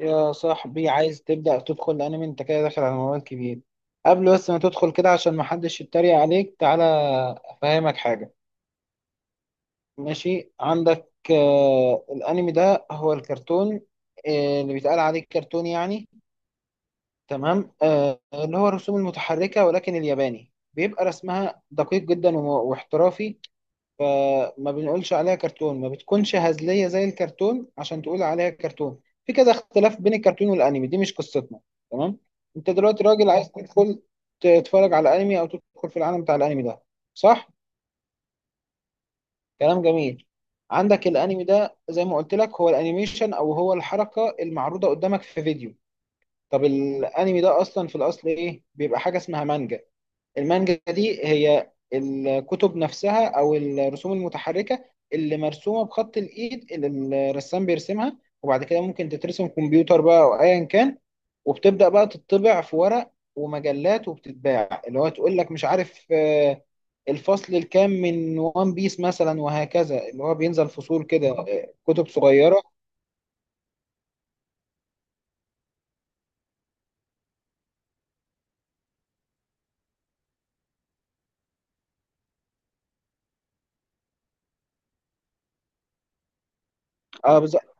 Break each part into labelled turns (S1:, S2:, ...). S1: يا صاحبي عايز تبدأ تدخل الأنمي، أنت كده داخل على موال كبير. قبل ما تدخل كده، عشان محدش يتريق عليك، تعالى أفهمك حاجة. ماشي؟ عندك آه الأنمي ده هو الكرتون، آه اللي بيتقال عليه كرتون تمام؟ آه اللي هو الرسوم المتحركة، ولكن الياباني بيبقى رسمها دقيق جدا واحترافي. فما بنقولش عليها كرتون، ما بتكونش هزلية زي الكرتون عشان تقول عليها كرتون. في كذا اختلاف بين الكرتون والانمي، دي مش قصتنا. تمام؟ انت دلوقتي راجل عايز تدخل تتفرج على الانمي او تدخل في العالم بتاع الانمي ده، صح؟ كلام جميل. عندك الانمي ده زي ما قلت لك هو الانيميشن، او هو الحركة المعروضة قدامك في فيديو. طب الانمي ده اصلا في الاصل ايه؟ بيبقى حاجة اسمها مانجا. المانجا دي هي الكتب نفسها، او الرسوم المتحركه اللي مرسومه بخط الايد اللي الرسام بيرسمها، وبعد كده ممكن تترسم كمبيوتر بقى او ايا كان. وبتبدا بقى تطبع في ورق ومجلات وبتتباع، اللي هو تقول لك مش عارف الفصل الكام من وان بيس مثلا، وهكذا، اللي هو بينزل فصول كده، كتب صغيره. اه بالظبط.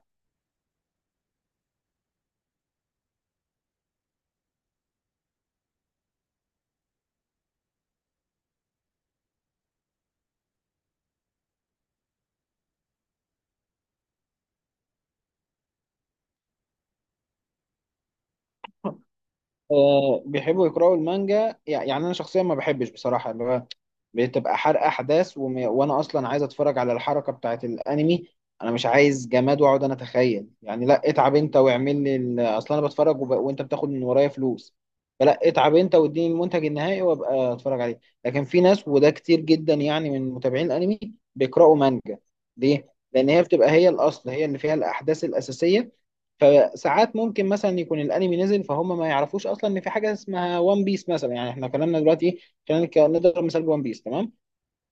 S1: بيحبوا يقرأوا المانجا، يعني أنا شخصيا ما بحبش بصراحة، اللي هو بتبقى حرق أحداث، وأنا أصلا عايز أتفرج على الحركة بتاعت الأنمي. أنا مش عايز جماد وأقعد أنا أتخيل. لا، اتعب أنت واعمل لي أصلا أنا بتفرج، وأنت بتاخد من ورايا فلوس. فلا، اتعب أنت واديني المنتج النهائي وأبقى أتفرج عليه. لكن في ناس، وده كتير جدا يعني من متابعين الأنمي، بيقرأوا مانجا. ليه؟ لأن هي بتبقى هي الأصل، هي اللي فيها الأحداث الأساسية. فساعات ممكن مثلا يكون الانمي نزل، فهم ما يعرفوش اصلا ان في حاجه اسمها وان بيس مثلا. يعني احنا كلامنا دلوقتي ايه؟ خلينا نضرب مثال بوان بيس. تمام؟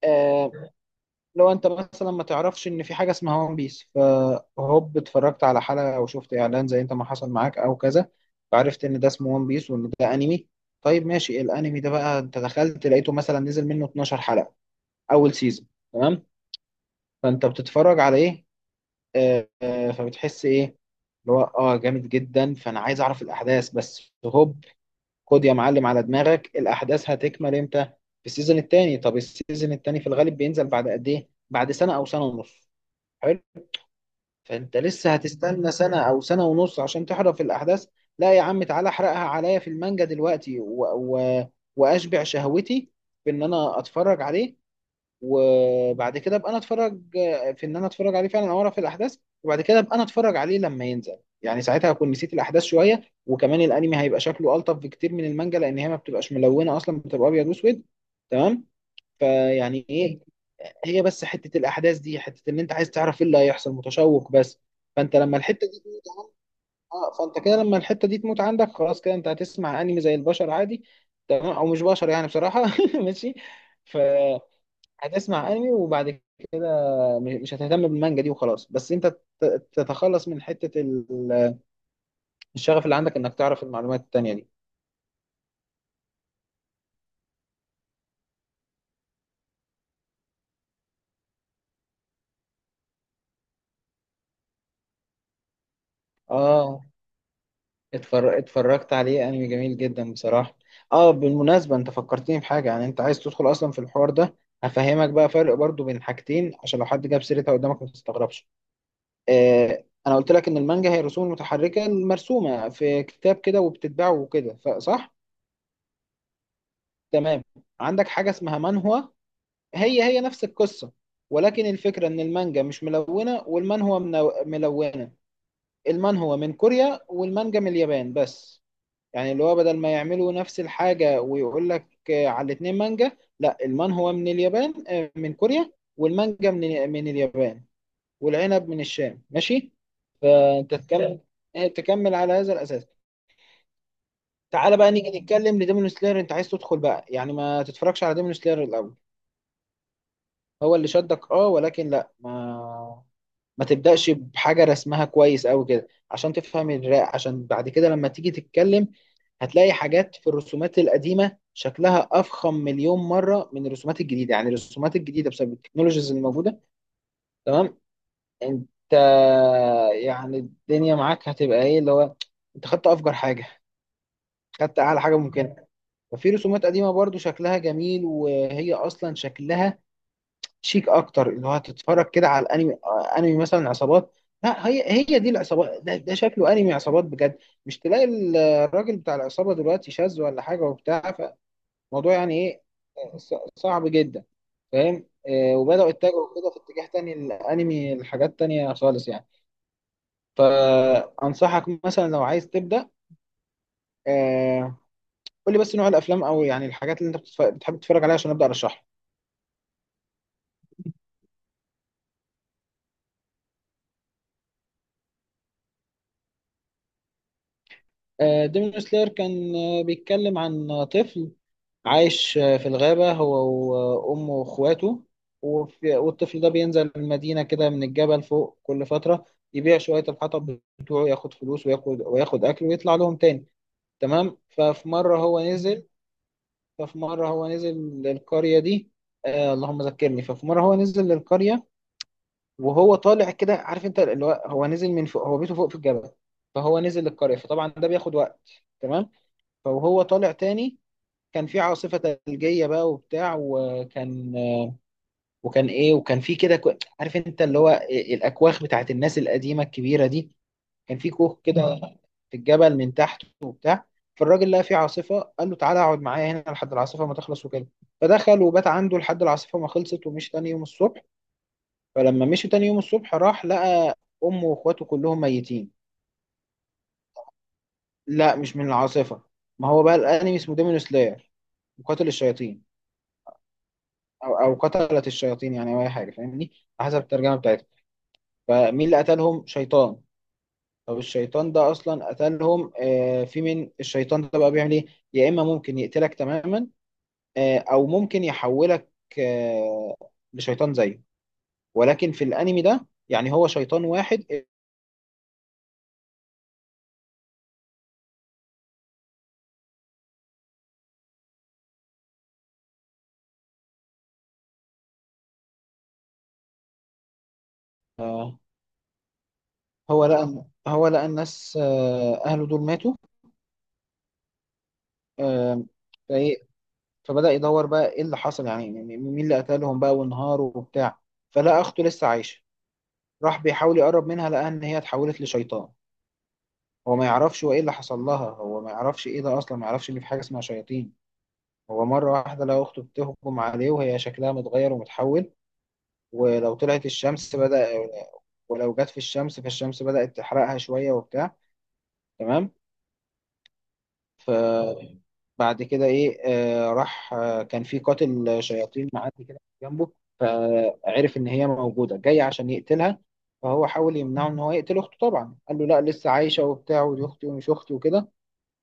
S1: آه. لو انت مثلا ما تعرفش ان في حاجه اسمها وان بيس، فهوب اتفرجت على حلقه او شفت اعلان زي انت ما حصل معاك او كذا، فعرفت ان ده اسمه وان بيس وان ده انمي. طيب ماشي، الانمي ده بقى انت دخلت لقيته مثلا نزل منه 12 حلقه، اول سيزون. تمام؟ فانت بتتفرج على ايه؟ فبتحس ايه؟ اللي هو اه جامد جدا، فانا عايز اعرف الاحداث بس. هوب، خد يا معلم على دماغك، الاحداث هتكمل امتى؟ في السيزون التاني. طب السيزون التاني في الغالب بينزل بعد قد ايه؟ بعد سنة او سنة ونص. حلو. فانت لسه هتستنى سنة او سنة ونص عشان تحرف الاحداث؟ لا يا عم، تعالى احرقها عليا في المانجا دلوقتي واشبع شهوتي في ان انا اتفرج عليه. وبعد كده ابقى انا اتفرج، في ان انا اتفرج عليه فعلا او اعرف الاحداث. وبعد كده ابقى انا اتفرج عليه لما ينزل، يعني ساعتها هكون نسيت الاحداث شويه. وكمان الانمي هيبقى شكله الطف بكتير من المانجا، لان هي ما بتبقاش ملونه اصلا، بتبقى ابيض واسود. تمام؟ فيعني ايه، هي بس حته الاحداث دي، حته ان انت عايز تعرف ايه اللي هيحصل، متشوق بس. فانت لما الحته دي، اه فانت كده لما الحته دي تموت عندك، خلاص كده انت هتسمع انمي زي البشر عادي. تمام، او مش بشر يعني بصراحه ماشي. فهتسمع انمي، وبعد مش هتهتم بالمانجا دي وخلاص. بس انت تتخلص من حتة الشغف اللي عندك انك تعرف المعلومات التانية دي. اه. اتفرجت عليه، انمي جميل جدا بصراحة. اه بالمناسبة، انت فكرتني بحاجة. يعني انت عايز تدخل اصلا في الحوار ده، هفهمك بقى فرق برضو بين حاجتين، عشان لو حد جاب سيرتها قدامك ما تستغربش. آه انا قلت لك ان المانجا هي رسوم متحركة مرسومة في كتاب كده وبتتباع وكده، صح؟ تمام. عندك حاجة اسمها مانهوا، هي هي نفس القصة، ولكن الفكرة إن المانجا مش ملونة والمانهوا ملونة. المانهوا من كوريا والمانجا من اليابان بس. يعني اللي هو بدل ما يعملوا نفس الحاجة ويقول لك على الاتنين مانجا، لا، المانهوا من اليابان، من كوريا، والمانجا من اليابان، والعنب من الشام. ماشي؟ فأنت تكمل، تكمل على هذا الأساس. تعالى بقى نيجي نتكلم لديمون سلاير. أنت عايز تدخل بقى، يعني ما تتفرجش على ديمون سلاير الأول. هو اللي شدك، اه، ولكن لا، ما تبدأش بحاجة رسمها كويس أوي كده، عشان تفهم الرق، عشان بعد كده لما تيجي تتكلم هتلاقي حاجات في الرسومات القديمة شكلها أفخم مليون مرة من الرسومات الجديدة. يعني الرسومات الجديدة بسبب التكنولوجيز اللي موجودة، تمام؟ أنت يعني الدنيا معاك هتبقى إيه، اللي هو أنت خدت أفجر حاجة، خدت أعلى حاجة ممكنة. ففي رسومات قديمة برضو شكلها جميل، وهي أصلا شكلها شيك اكتر. اللي هو هتتفرج كده على الانمي، انمي مثلا عصابات. لا، هي هي دي العصابات، ده ده شكله انمي عصابات بجد، مش تلاقي الراجل بتاع العصابه دلوقتي شاذ ولا حاجه وبتاع. فالموضوع يعني ايه، صعب جدا، فاهم؟ وبداوا يتجهوا كده في اتجاه تاني الانمي لحاجات تانية خالص يعني. فانصحك مثلا لو عايز تبدا، آه، قول لي بس نوع الافلام او يعني الحاجات اللي انت بتحب تتفرج عليها عشان ابدا ارشحها. ديمون سلاير كان، بيتكلم عن طفل عايش في الغابة هو وأمه وأخواته. والطفل ده بينزل المدينة كده من الجبل فوق كل فترة، يبيع شوية الحطب بتوعه، ياخد فلوس، وياخد أكل، ويطلع لهم تاني. تمام؟ ففي مرة هو نزل للقرية دي. آه اللهم ذكرني. ففي مرة هو نزل للقرية، وهو طالع كده، عارف أنت اللي هو هو نزل من فوق، هو بيته فوق في الجبل، فهو نزل للقرية، فطبعا ده بياخد وقت. تمام؟ فهو طالع تاني، كان في عاصفة ثلجية بقى وبتاع. وكان في كده عارف انت اللي هو الاكواخ بتاعت الناس القديمة الكبيرة دي، كان في كوخ كده في الجبل من تحت وبتاع. فالراجل لقى في عاصفة، قال له تعالى اقعد معايا هنا لحد العاصفة ما تخلص وكده. فدخل وبات عنده لحد العاصفة ما خلصت، ومشي تاني يوم الصبح. فلما مشي تاني يوم الصبح راح لقى امه واخواته كلهم ميتين. لا، مش من العاصفة. ما هو بقى الانمي اسمه ديمون سلاير، مقاتل الشياطين، او قتلت الشياطين، يعني او اي حاجه، فاهمني، على حسب الترجمه بتاعتها. فمين اللي قتلهم؟ شيطان. طب الشيطان ده اصلا قتلهم، آه، في من الشيطان ده بقى بيعمل ايه؟ يا اما ممكن يقتلك تماما، آه، او ممكن يحولك، آه، لشيطان زيه. ولكن في الانمي ده يعني هو شيطان واحد. آه. هو لقى الناس، آه، اهله دول ماتوا. آه. فايه؟ فبدأ يدور بقى ايه اللي حصل، يعني مين اللي قتلهم بقى وانهاروا وبتاع. فلقى اخته لسه عايشه، راح بيحاول يقرب منها لقى ان هي اتحولت لشيطان. هو ما يعرفش هو ايه اللي حصل لها، هو ما يعرفش ايه ده اصلا، ما يعرفش ان في حاجه اسمها شياطين. هو مره واحده لقى اخته بتهجم عليه وهي شكلها متغير ومتحول. ولو طلعت الشمس بدأ ولو جت في الشمس، فالشمس بدأت تحرقها شويه وبتاع. تمام؟ فبعد كده ايه؟ راح، كان في قاتل شياطين معدي كده جنبه، فعرف ان هي موجوده، جاي عشان يقتلها. فهو حاول يمنعه ان هو يقتل اخته، طبعا قال له لا لسه عايشه وبتاع، ودي اختي ومش اختي وكده.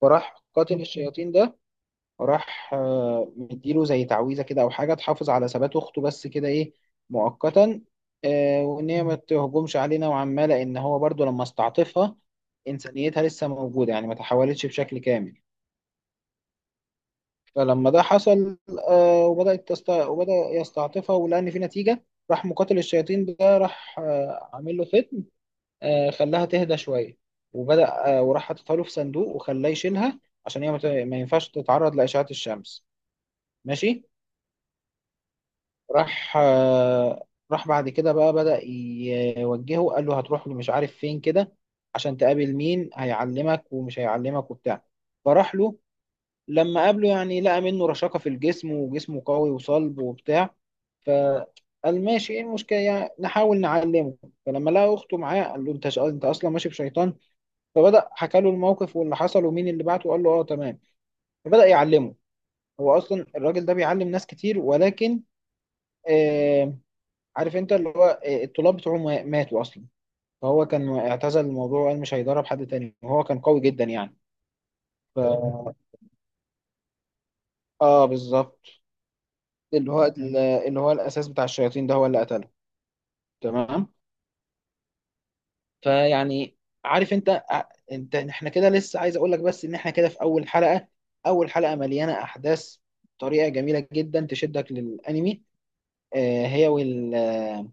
S1: وراح قاتل الشياطين ده راح مديله زي تعويذة كده، أو حاجة تحافظ على ثبات أخته بس كده، إيه، مؤقتا، وإن هي ما تهجمش علينا وعمالة، لأن هو برضو لما استعطفها إنسانيتها لسه موجودة يعني، ما تحولتش بشكل كامل. فلما ده حصل، وبدأ يستعطفها ولقى إن في نتيجة. راح مقاتل الشياطين ده راح آه، عامل له فت، خلاها تهدى شوية. وبدأ آه، وراح حاططها له في صندوق وخلاه يشيلها، عشان هي ما ينفعش تتعرض لأشعة الشمس. ماشي؟ راح آه، راح بعد كده بقى بدأ يوجهه، قال له هتروح مش عارف فين كده عشان تقابل مين، هيعلمك ومش هيعلمك وبتاع. فراح له، لما قابله يعني لقى منه رشاقة في الجسم، وجسمه قوي وصلب وبتاع، فقال ماشي ايه المشكلة يعني، نحاول نعلمه. فلما لقى أخته معاه، قال له انت أصلا ماشي بشيطان. فبدأ حكى له الموقف واللي حصل ومين اللي بعته، وقال له اه تمام، فبدأ يعلمه. هو اصلا الراجل ده بيعلم ناس كتير، ولكن آه، عارف انت اللي هو، آه، الطلاب بتوعه ماتوا اصلا، فهو كان اعتزل الموضوع وقال مش هيدرب حد تاني، وهو كان قوي جدا يعني. ف... اه بالظبط. اللي هو اللي هو الاساس بتاع الشياطين ده هو اللي قتله. تمام. فيعني، عارف انت، احنا كده لسه، عايز اقول لك بس ان احنا كده في اول حلقة. اول حلقة مليانة احداث بطريقة جميلة جدا تشدك للانمي، آه، هي وال آه،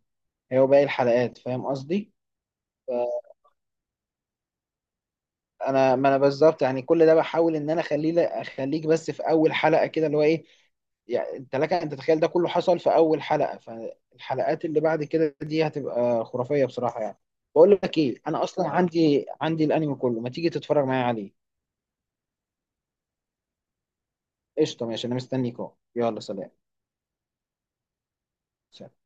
S1: هي وباقي الحلقات، فاهم قصدي؟ انا ما انا بالظبط، يعني كل ده بحاول ان انا اخليك بس في اول حلقة كده، اللي هو ايه، يعني انت لك ان تتخيل ده كله حصل في اول حلقة، فالحلقات اللي بعد كده دي هتبقى خرافية بصراحة يعني. بقول لك ايه، انا اصلا عندي الانمي كله، ما تيجي تتفرج معايا عليه؟ قشطة، ماشي، انا مستنيك اهو، يلا سلام. سلام.